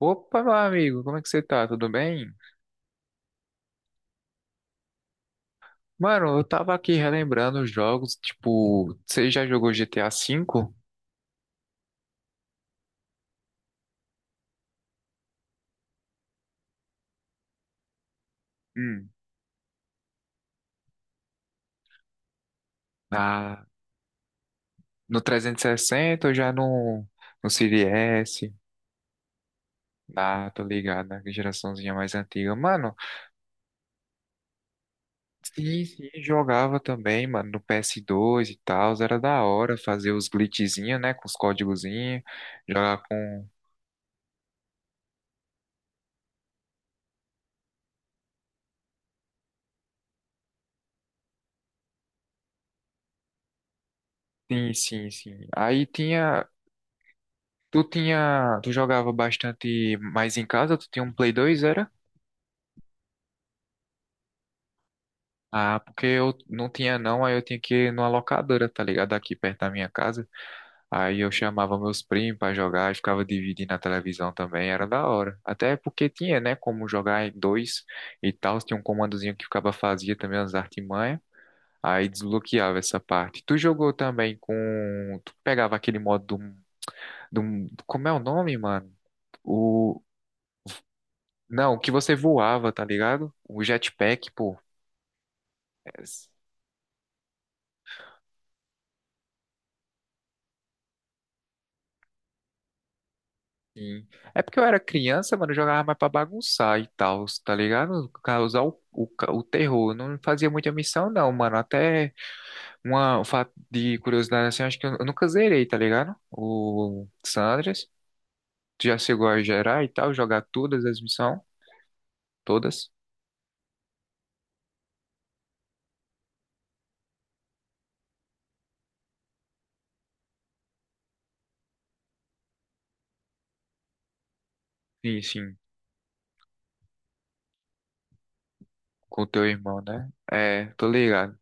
Opa, meu amigo, como é que você tá? Tudo bem? Mano, eu tava aqui relembrando os jogos, tipo, você já jogou GTA V? Hum. Na, no 360 ou já no Series S? Ah, tô ligado, na geraçãozinha mais antiga. Mano, sim, sim, jogava também, mano, no PS2 e tal, era da hora fazer os glitchzinhos, né, com os códigozinhos, jogar com... Sim, sim, sim. Aí tinha. Tu jogava bastante mais em casa? Tu tinha um Play 2, era? Ah, porque eu não tinha não, aí eu tinha que ir numa locadora, tá ligado? Aqui perto da minha casa. Aí eu chamava meus primos pra jogar e ficava dividindo a televisão também, era da hora. Até porque tinha, né, como jogar em dois e tal, tinha um comandozinho que ficava fazia também umas artimanhas. Aí desbloqueava essa parte. Tu jogou também com. Tu pegava aquele modo do. Do... Como é o nome, mano? Não, que você voava, tá ligado? O jetpack, pô. É, sim. É porque eu era criança, mano, eu jogava mais pra bagunçar e tal, tá ligado? Causar o terror. Eu não fazia muita missão, não, mano. Até uma um fato de curiosidade assim, acho que eu nunca zerei, tá ligado? O Sandras. Tu já chegou a gerar e tal, jogar todas as missões? Todas? Sim, sim. Com o teu irmão, né? É, tô ligado.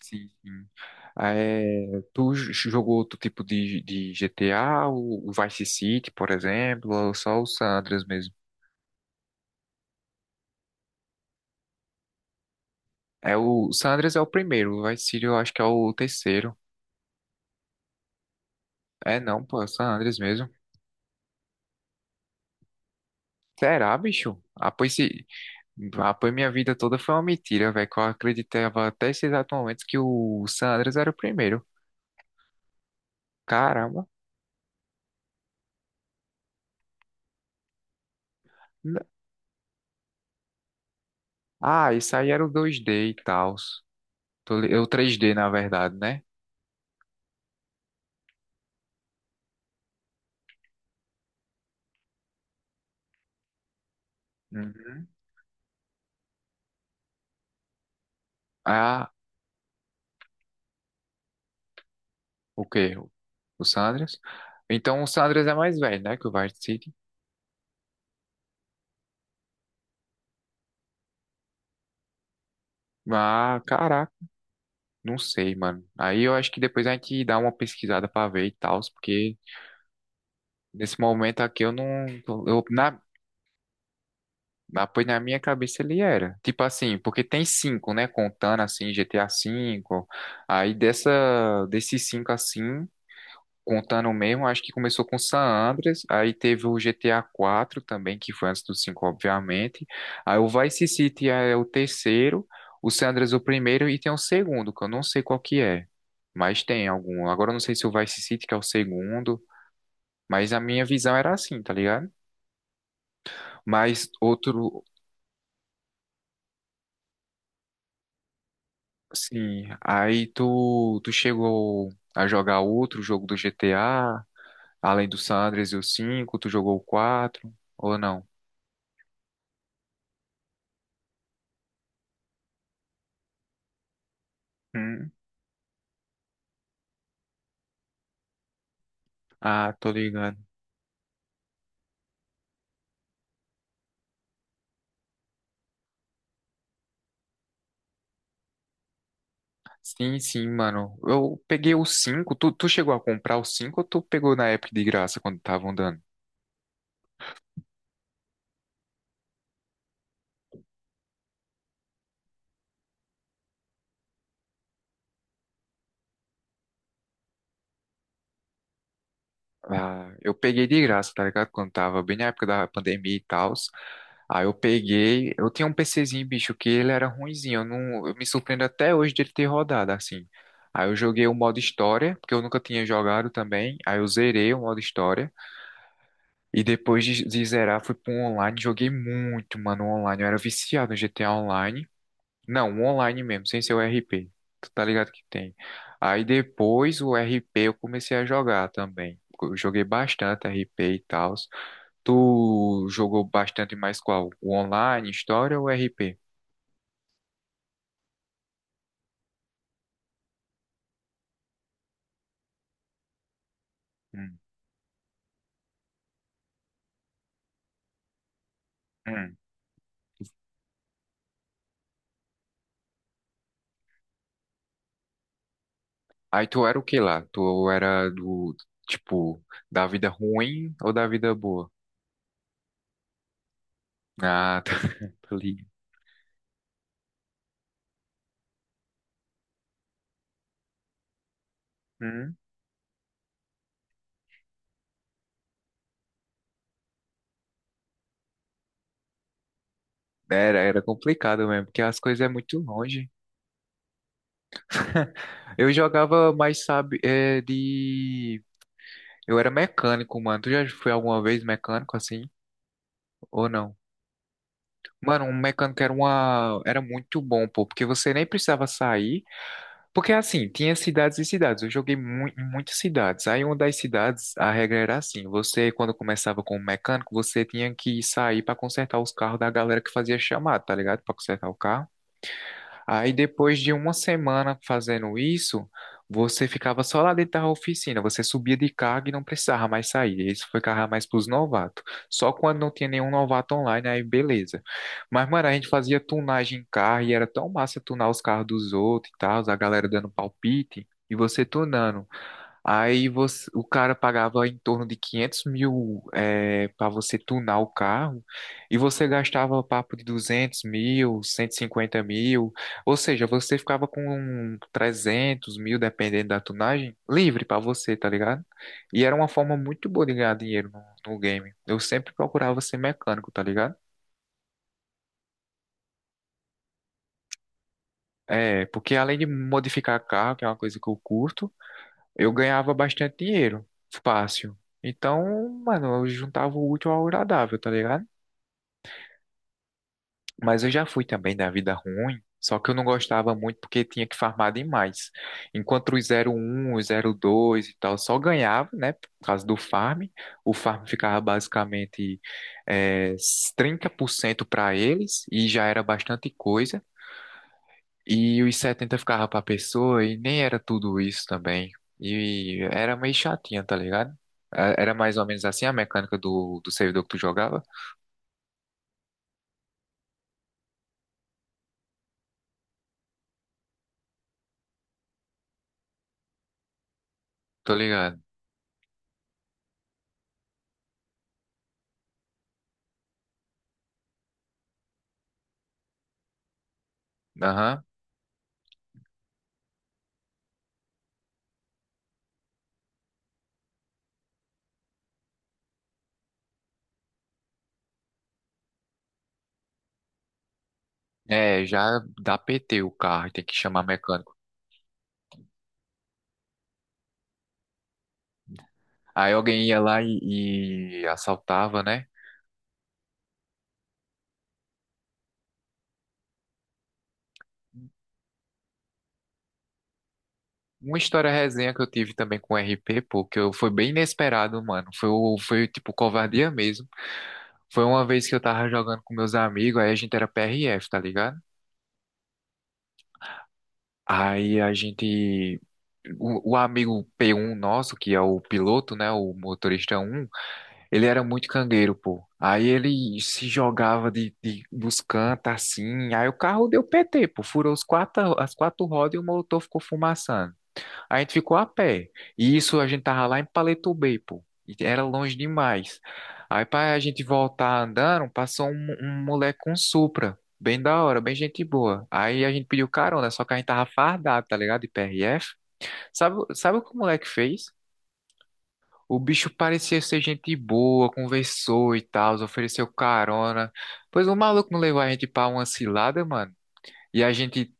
Sim, sim. Ah, é, tu jogou outro tipo de, GTA, o Vice City, por exemplo, ou só o San Andreas mesmo? É, o San Andreas é o primeiro, o Vice City eu acho que é o terceiro. É não, pô, é o San Andreas mesmo. Será, bicho? Ah, pois, se... Ah, pois minha vida toda foi uma mentira, velho, que eu acreditava até esse exato momento que o San Andreas era o primeiro. Caramba. N- Ah, isso aí era o 2D e tal. Eu 3D, na verdade, né? Uhum. Ah, o quê? O Sanders? Então o Sanders é mais velho, né? Que o Vice City. Ah, caraca, não sei, mano. Aí eu acho que depois a gente dá uma pesquisada pra ver e tal, porque nesse momento aqui eu não. Eu, na, Pois na minha cabeça ele era. Tipo assim, porque tem cinco, né? Contando assim, GTA V. Desses cinco assim. Contando mesmo, acho que começou com San Andreas, aí teve o GTA 4 também, que foi antes do 5, obviamente. Aí o Vice City é o terceiro, o San Andreas o primeiro e tem o segundo, que eu não sei qual que é, mas tem algum. Agora eu não sei se o Vice City que é o segundo, mas a minha visão era assim, tá ligado? Mas outro, sim, aí tu chegou a jogar outro jogo do GTA, além do San Andreas e o 5, tu jogou o 4 ou não? Ah, tô ligando. Sim, sim, mano. Eu peguei o 5. Tu chegou a comprar o 5? Ou tu pegou na época de graça quando estavam dando? Ah, eu peguei de graça, tá ligado? Quando tava bem na época da pandemia e tal. Aí eu peguei. Eu tinha um PCzinho, bicho, que ele era ruinzinho. Eu, não, eu me surpreendo até hoje dele ter rodado assim. Aí eu joguei o modo história, porque eu nunca tinha jogado também. Aí eu zerei o modo história. E depois de zerar, fui pro online. Joguei muito, mano, online. Eu era viciado no GTA Online. Não, um online mesmo, sem ser o RP. Tu tá ligado que tem. Aí depois o RP eu comecei a jogar também. Eu joguei bastante RP e tal. Tu jogou bastante mais qual? O online, história ou RP? Hum, hum. Aí tu era o que lá? Tu era do, tipo, da vida ruim ou da vida boa? Ah, tá, tô ligado. Hum. Era complicado mesmo, porque as coisas é muito longe. Eu jogava mais, sabe, é, de. Eu era mecânico, mano. Tu já foi alguma vez mecânico assim? Ou não? Mano, um mecânico era uma. Era muito bom, pô, porque você nem precisava sair. Porque assim, tinha cidades e cidades. Eu joguei mu em muitas cidades. Aí, uma das cidades, a regra era assim: você, quando começava como mecânico, você tinha que sair pra consertar os carros da galera que fazia chamada, tá ligado? Pra consertar o carro. Aí depois de uma semana fazendo isso, você ficava só lá dentro da oficina, você subia de cargo e não precisava mais sair. Isso foi carregar mais pros novatos. Só quando não tinha nenhum novato online, aí beleza. Mas, mano, a gente fazia tunagem em carro e era tão massa tunar os carros dos outros e tal, a galera dando palpite e você tunando. Aí você, o cara pagava em torno de 500 mil para você tunar o carro e você gastava papo de 200 mil, 150 mil, ou seja, você ficava com 300 mil, dependendo da tunagem, livre para você, tá ligado? E era uma forma muito boa de ganhar dinheiro no game. Eu sempre procurava ser mecânico, tá ligado? É, porque além de modificar carro, que é uma coisa que eu curto, eu ganhava bastante dinheiro, fácil. Então, mano, eu juntava o útil ao agradável, tá ligado? Mas eu já fui também da vida ruim, só que eu não gostava muito porque tinha que farmar demais. Enquanto o 01, o 02 e tal só ganhava, né, por causa do farm, o farm ficava basicamente eh, 30% para eles e já era bastante coisa. E os 70 ficava pra pessoa e nem era tudo isso também. E era meio chatinha, tá ligado? É, era mais ou menos assim a mecânica do servidor que tu jogava. Tô ligado. Aham. É, já dá PT o carro, tem que chamar mecânico. Aí alguém ia lá e assaltava, né? Uma história resenha que eu tive também com o RP, pô, que eu, foi bem inesperado, mano. Foi, foi tipo covardia mesmo. Foi uma vez que eu tava jogando com meus amigos, aí a gente era PRF, tá ligado? Aí a gente. O amigo p um nosso, que é o piloto, né? O motorista um, ele era muito cangueiro, pô. Aí ele se jogava dos cantos assim. Aí o carro deu PT, pô. Furou os quatro, as quatro rodas e o motor ficou fumaçando. A gente ficou a pé. E isso a gente tava lá em Paleto Bay, pô. E era longe demais. Aí pra a gente voltar andando, passou um moleque com Supra. Bem da hora, bem gente boa. Aí a gente pediu carona, só que a gente tava fardado, tá ligado? De PRF. Sabe, sabe o que o moleque fez? O bicho parecia ser gente boa, conversou e tal, ofereceu carona. Pois o maluco não levou a gente pra uma cilada, mano. E a gente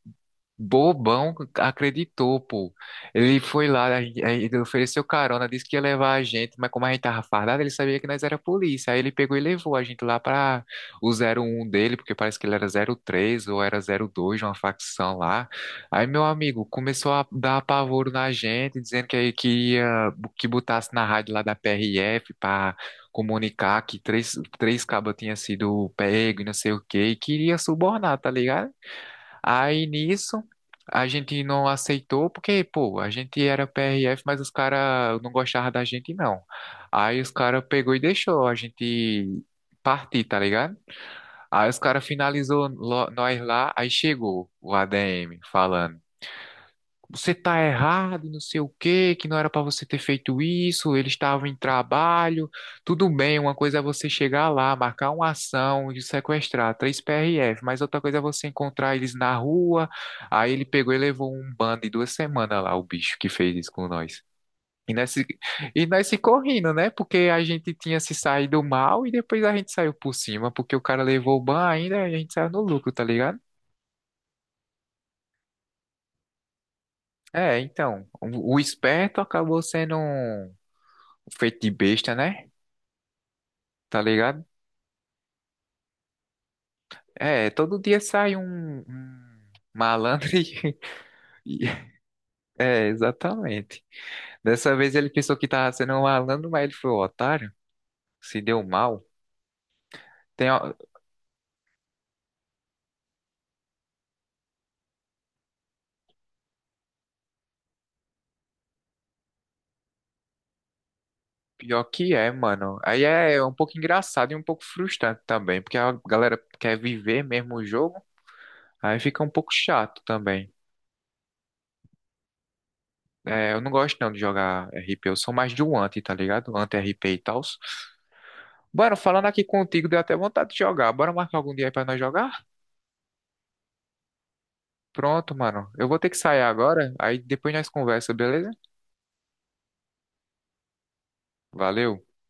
bobão acreditou, pô. Ele foi lá, ele ofereceu carona, disse que ia levar a gente, mas como a gente tava fardado, ele sabia que nós era polícia. Aí ele pegou e levou a gente lá pra o 01 dele, porque parece que ele era 03 ou era 02 de uma facção lá. Aí meu amigo começou a dar apavoro na gente, dizendo que ia que botasse na rádio lá da PRF pra comunicar que três cabas tinha sido pego e não sei o quê, e queria subornar, tá ligado? Aí nisso, a gente não aceitou, porque, pô, a gente era PRF, mas os caras não gostavam da gente, não. Aí os caras pegou e deixou a gente partir, tá ligado? Aí os caras finalizou lo- nós lá, aí chegou o ADM falando você tá errado, e não sei o quê, que não era pra você ter feito isso, eles estavam em trabalho. Tudo bem, uma coisa é você chegar lá, marcar uma ação e sequestrar três PRF, mas outra coisa é você encontrar eles na rua. Aí ele pegou e levou um bando de 2 semanas lá, o bicho que fez isso com nós. E nós, se- e nós se correndo, né? Porque a gente tinha se saído mal e depois a gente saiu por cima, porque o cara levou o ban ainda e a gente saiu no lucro, tá ligado? É, então, o esperto acabou sendo um feito de besta, né? Tá ligado? É, todo dia sai um malandro e... e- É, exatamente. Dessa vez ele pensou que tava sendo um malandro, mas ele foi um otário. Se deu mal. Tem, a- Pior que é, mano. Aí é um pouco engraçado e um pouco frustrante também, porque a galera quer viver mesmo o jogo, aí fica um pouco chato também. É, eu não gosto não de jogar RP, eu sou mais do anti, tá ligado? Anti-RP e tal. Mano, falando aqui contigo, deu até vontade de jogar. Bora marcar algum dia aí pra nós jogar? Pronto, mano. Eu vou ter que sair agora, aí depois nós conversa, beleza? Valeu.